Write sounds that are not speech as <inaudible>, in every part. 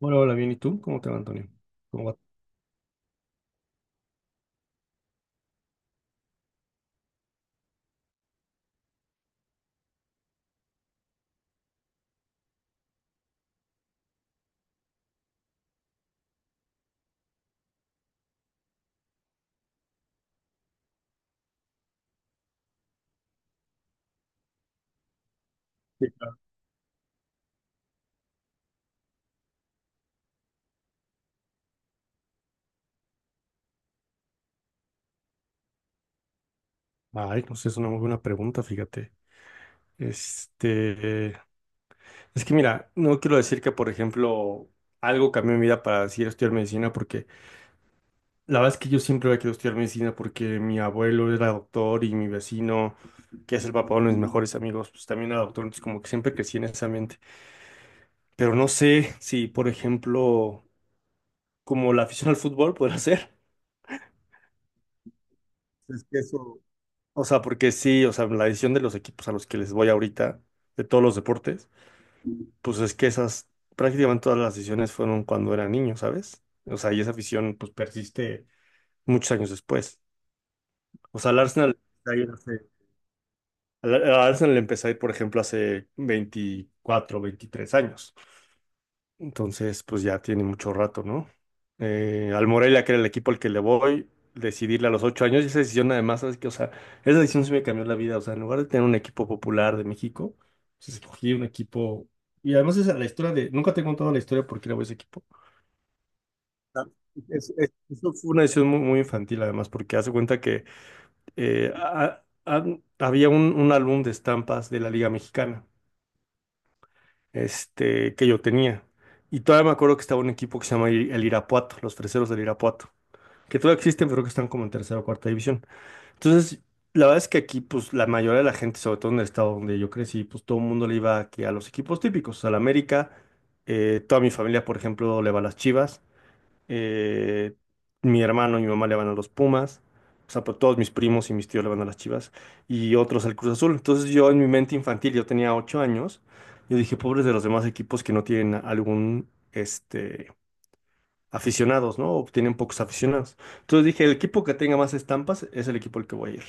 Hola, hola, bien. ¿Y tú? ¿Cómo te va, Antonio? ¿Cómo va? Sí, claro. Ay, pues es una muy buena pregunta, fíjate. Este, eh, es que mira, no quiero decir que, por ejemplo, algo cambió mi vida para decir estudiar medicina, porque la verdad es que yo siempre había querido estudiar medicina porque mi abuelo era doctor y mi vecino, que es el papá de uno de mis mejores amigos, pues también era doctor, entonces como que siempre crecí en ese ambiente. Pero no sé si, por ejemplo, como la afición al fútbol podrá <laughs> ser. Es que eso. O sea, porque sí, o sea, la decisión de los equipos a los que les voy ahorita, de todos los deportes, pues es que esas, prácticamente todas las decisiones fueron cuando era niño, ¿sabes? O sea, y esa afición pues persiste muchos años después. O sea, al Arsenal, al al Arsenal le empecé a ir, por ejemplo, hace 24, 23 años. Entonces, pues ya tiene mucho rato, ¿no? Al Morelia, que era el equipo al que le voy, decidirle a los 8 años, y esa decisión además, es que, o sea, esa decisión sí me cambió la vida, o sea, en lugar de tener un equipo popular de México, pues escogí un equipo, y además esa es la historia de, nunca te he contado la historia por qué le voy a ese equipo. Ah, eso fue una decisión muy, muy infantil además, porque hace cuenta que había un álbum de estampas de la Liga Mexicana, este, que yo tenía. Y todavía me acuerdo que estaba un equipo que se llama el Irapuato, los Freseros del Irapuato, que todavía existen, pero que están como en tercera o cuarta división. Entonces, la verdad es que aquí, pues, la mayoría de la gente, sobre todo en el estado donde yo crecí, pues, todo el mundo le iba aquí a los equipos típicos, al América, toda mi familia, por ejemplo, le va a las Chivas, eh, mi hermano y mi mamá le van a los Pumas, o sea, pues, todos mis primos y mis tíos le van a las Chivas, y otros al Cruz Azul. Entonces yo en mi mente infantil, yo tenía 8 años, yo dije, pobres de los demás equipos que no tienen algún, aficionados, ¿no? O tienen pocos aficionados. Entonces dije, el equipo que tenga más estampas es el equipo al que voy a ir.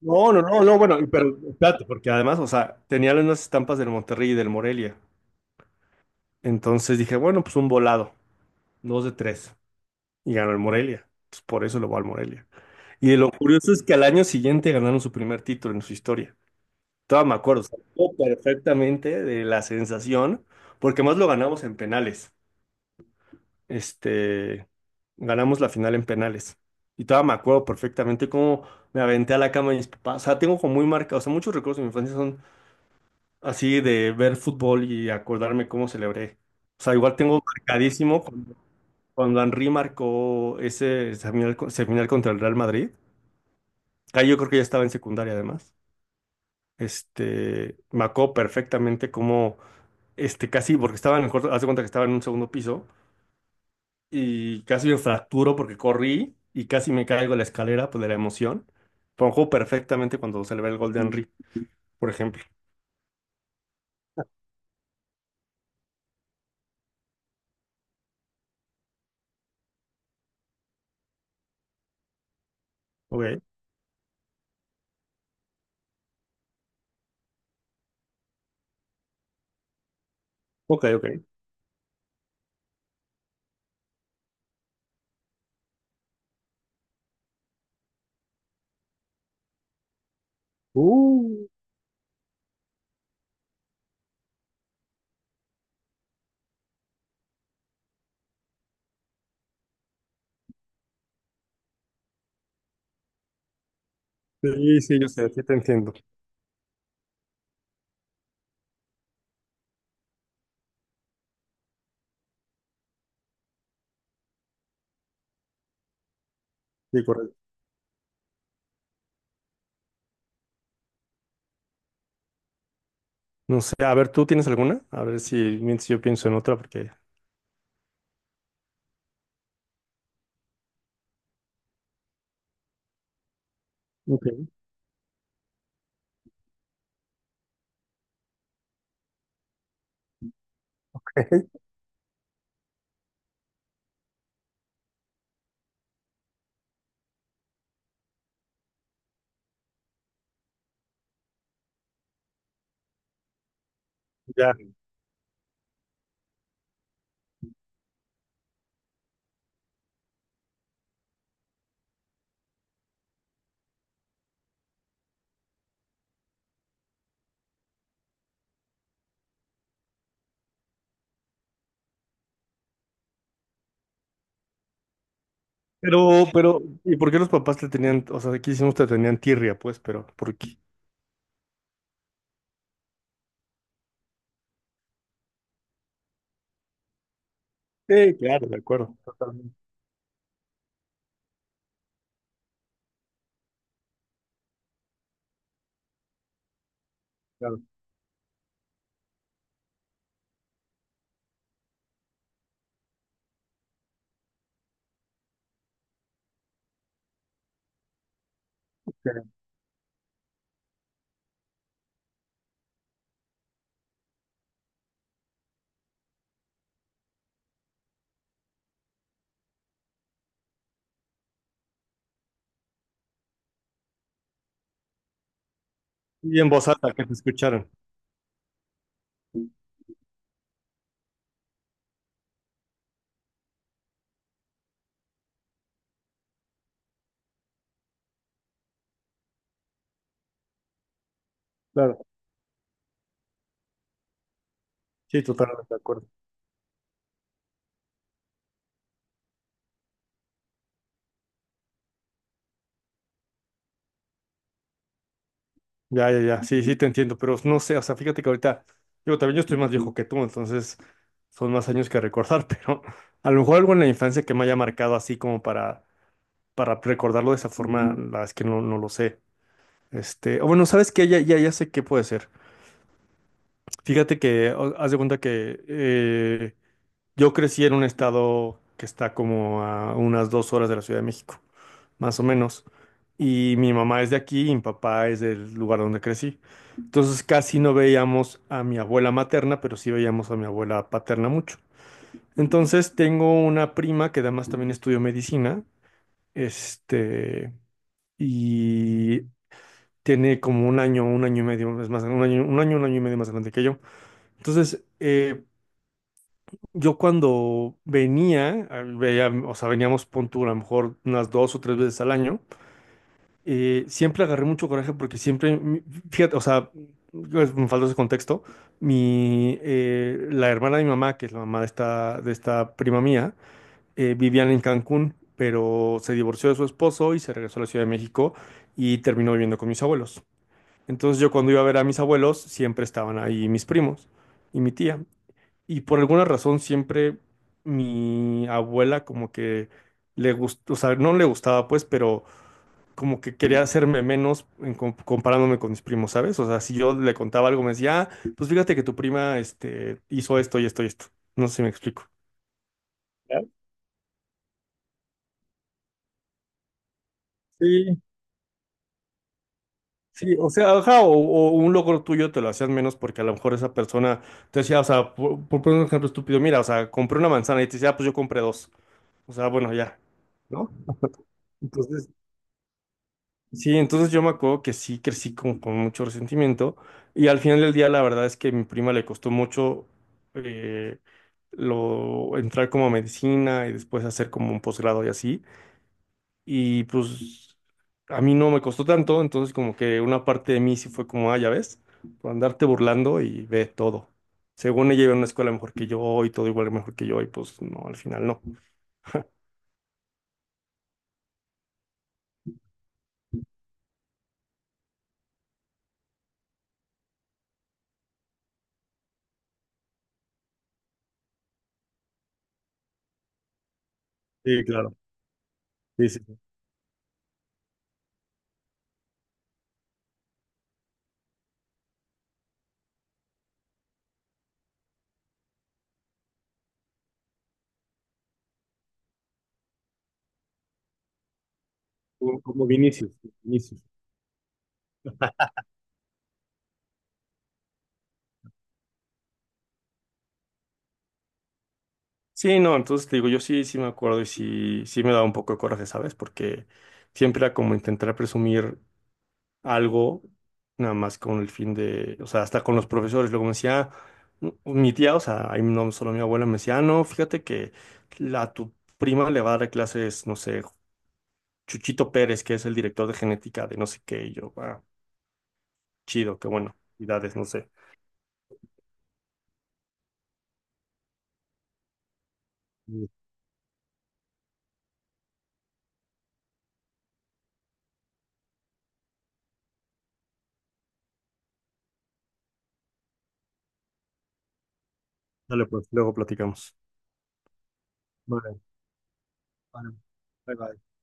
No, no, no, no, bueno, y pero espérate, porque además, o sea, tenía unas estampas del Monterrey y del Morelia. Entonces dije, bueno, pues un volado, dos de tres. Y ganó el Morelia. Entonces, por eso lo va al Morelia. Y lo curioso es que al año siguiente ganaron su primer título en su historia. Todavía me acuerdo, o sea, me acuerdo perfectamente de la sensación, porque más lo ganamos en penales. Este, ganamos la final en penales. Y todavía me acuerdo perfectamente cómo me aventé a la cama de mis papás. O sea, tengo como muy marcado, o sea, muchos recuerdos de mi infancia son así de ver fútbol y acordarme cómo celebré. O sea, igual tengo marcadísimo cuando Henry marcó ese semifinal, semifinal contra el Real Madrid. Ah, yo creo que ya estaba en secundaria además. Me acuerdo perfectamente cómo, casi, porque estaba en el cuarto, haz de cuenta que estaba en un segundo piso y casi me fracturo porque corrí y casi me caigo de la escalera, pues de la emoción. Pero me acuerdo perfectamente cuando se le ve el gol de Henry, por ejemplo. Ok, ok, ok. Uh, sí, sí, yo sé, sí te entiendo. Sí, correcto. No sé, a ver, ¿tú tienes alguna? A ver si mientras yo pienso en otra porque... Ok. <laughs> Ya. Pero, ¿y por qué los papás te tenían, o sea, aquí hicimos te tenían tirria, pues, pero ¿por qué? Sí, claro, de acuerdo. Totalmente, claro. Sí. Y en voz alta, que te escucharon. Claro, sí, totalmente de acuerdo. Ya, ya, ya, sí, sí, te entiendo, pero no sé, o sea, fíjate que ahorita, digo, también yo estoy más viejo que tú, entonces son más años que recordar, <laughs> pero a lo mejor algo en la infancia que me haya marcado así como para recordarlo de esa forma, la verdad es que no, no lo sé. O bueno, ¿sabes qué? Ya, ya, ya sé qué puede ser. Fíjate que, haz de cuenta que, yo crecí en un estado que está como a unas 2 horas de la Ciudad de México, más o menos. Y mi mamá es de aquí y mi papá es del lugar donde crecí. Entonces casi no veíamos a mi abuela materna, pero sí veíamos a mi abuela paterna mucho. Entonces tengo una prima que además también estudió medicina, este, y tiene como un año y medio, es más, un año y medio más grande que yo. Entonces, yo cuando venía, veía, o sea, veníamos, pon tú, a lo mejor unas 2 o 3 veces al año, siempre agarré mucho coraje porque siempre, fíjate, o sea, pues, me falta ese contexto, la hermana de mi mamá, que es la mamá de esta prima mía, vivían en Cancún, pero se divorció de su esposo y se regresó a la Ciudad de México y terminó viviendo con mis abuelos. Entonces yo cuando iba a ver a mis abuelos, siempre estaban ahí mis primos y mi tía. Y por alguna razón siempre mi abuela como que le gustó, o sea, no le gustaba pues, pero como que quería hacerme menos en comparándome con mis primos, ¿sabes? O sea, si yo le contaba algo me decía: ah, pues fíjate que tu prima, hizo esto y esto y esto. No sé si me explico. Claro. Sí, sí, o sea, ajá, o un logro tuyo te lo hacían menos porque a lo mejor esa persona te decía, o sea, por poner un ejemplo estúpido, mira, o sea, compré una manzana y te decía: ah, pues yo compré dos. O sea, bueno, ya, ¿no? Sí, entonces yo me acuerdo que sí crecí como con mucho resentimiento y al final del día la verdad es que a mi prima le costó mucho eh, lo entrar como a medicina y después hacer como un posgrado y así, y pues a mí no me costó tanto, entonces como que una parte de mí sí fue como: ah, ya ves, por andarte burlando y ve todo. Según ella iba a una escuela mejor que yo y todo igual mejor que yo y pues no, al final no. Sí, claro. Sí, sí, sí. Como Vinicius, Vinicius. Sí, no, entonces te digo, yo sí, sí me acuerdo y sí, sí me daba un poco de coraje, ¿sabes? Porque siempre era como intentar presumir algo, nada más con el fin de, o sea, hasta con los profesores. Luego me decía: "Mm, mi tía, o sea, ahí no solo mi abuela, me decía: ah, no, fíjate que la, tu prima le va a dar clases, no sé, Chuchito Pérez, que es el director de genética de no sé qué", y yo: ah, chido, qué bueno, edades, no sé. Y dale, pues, luego platicamos. Vale, vale. Bye, bye.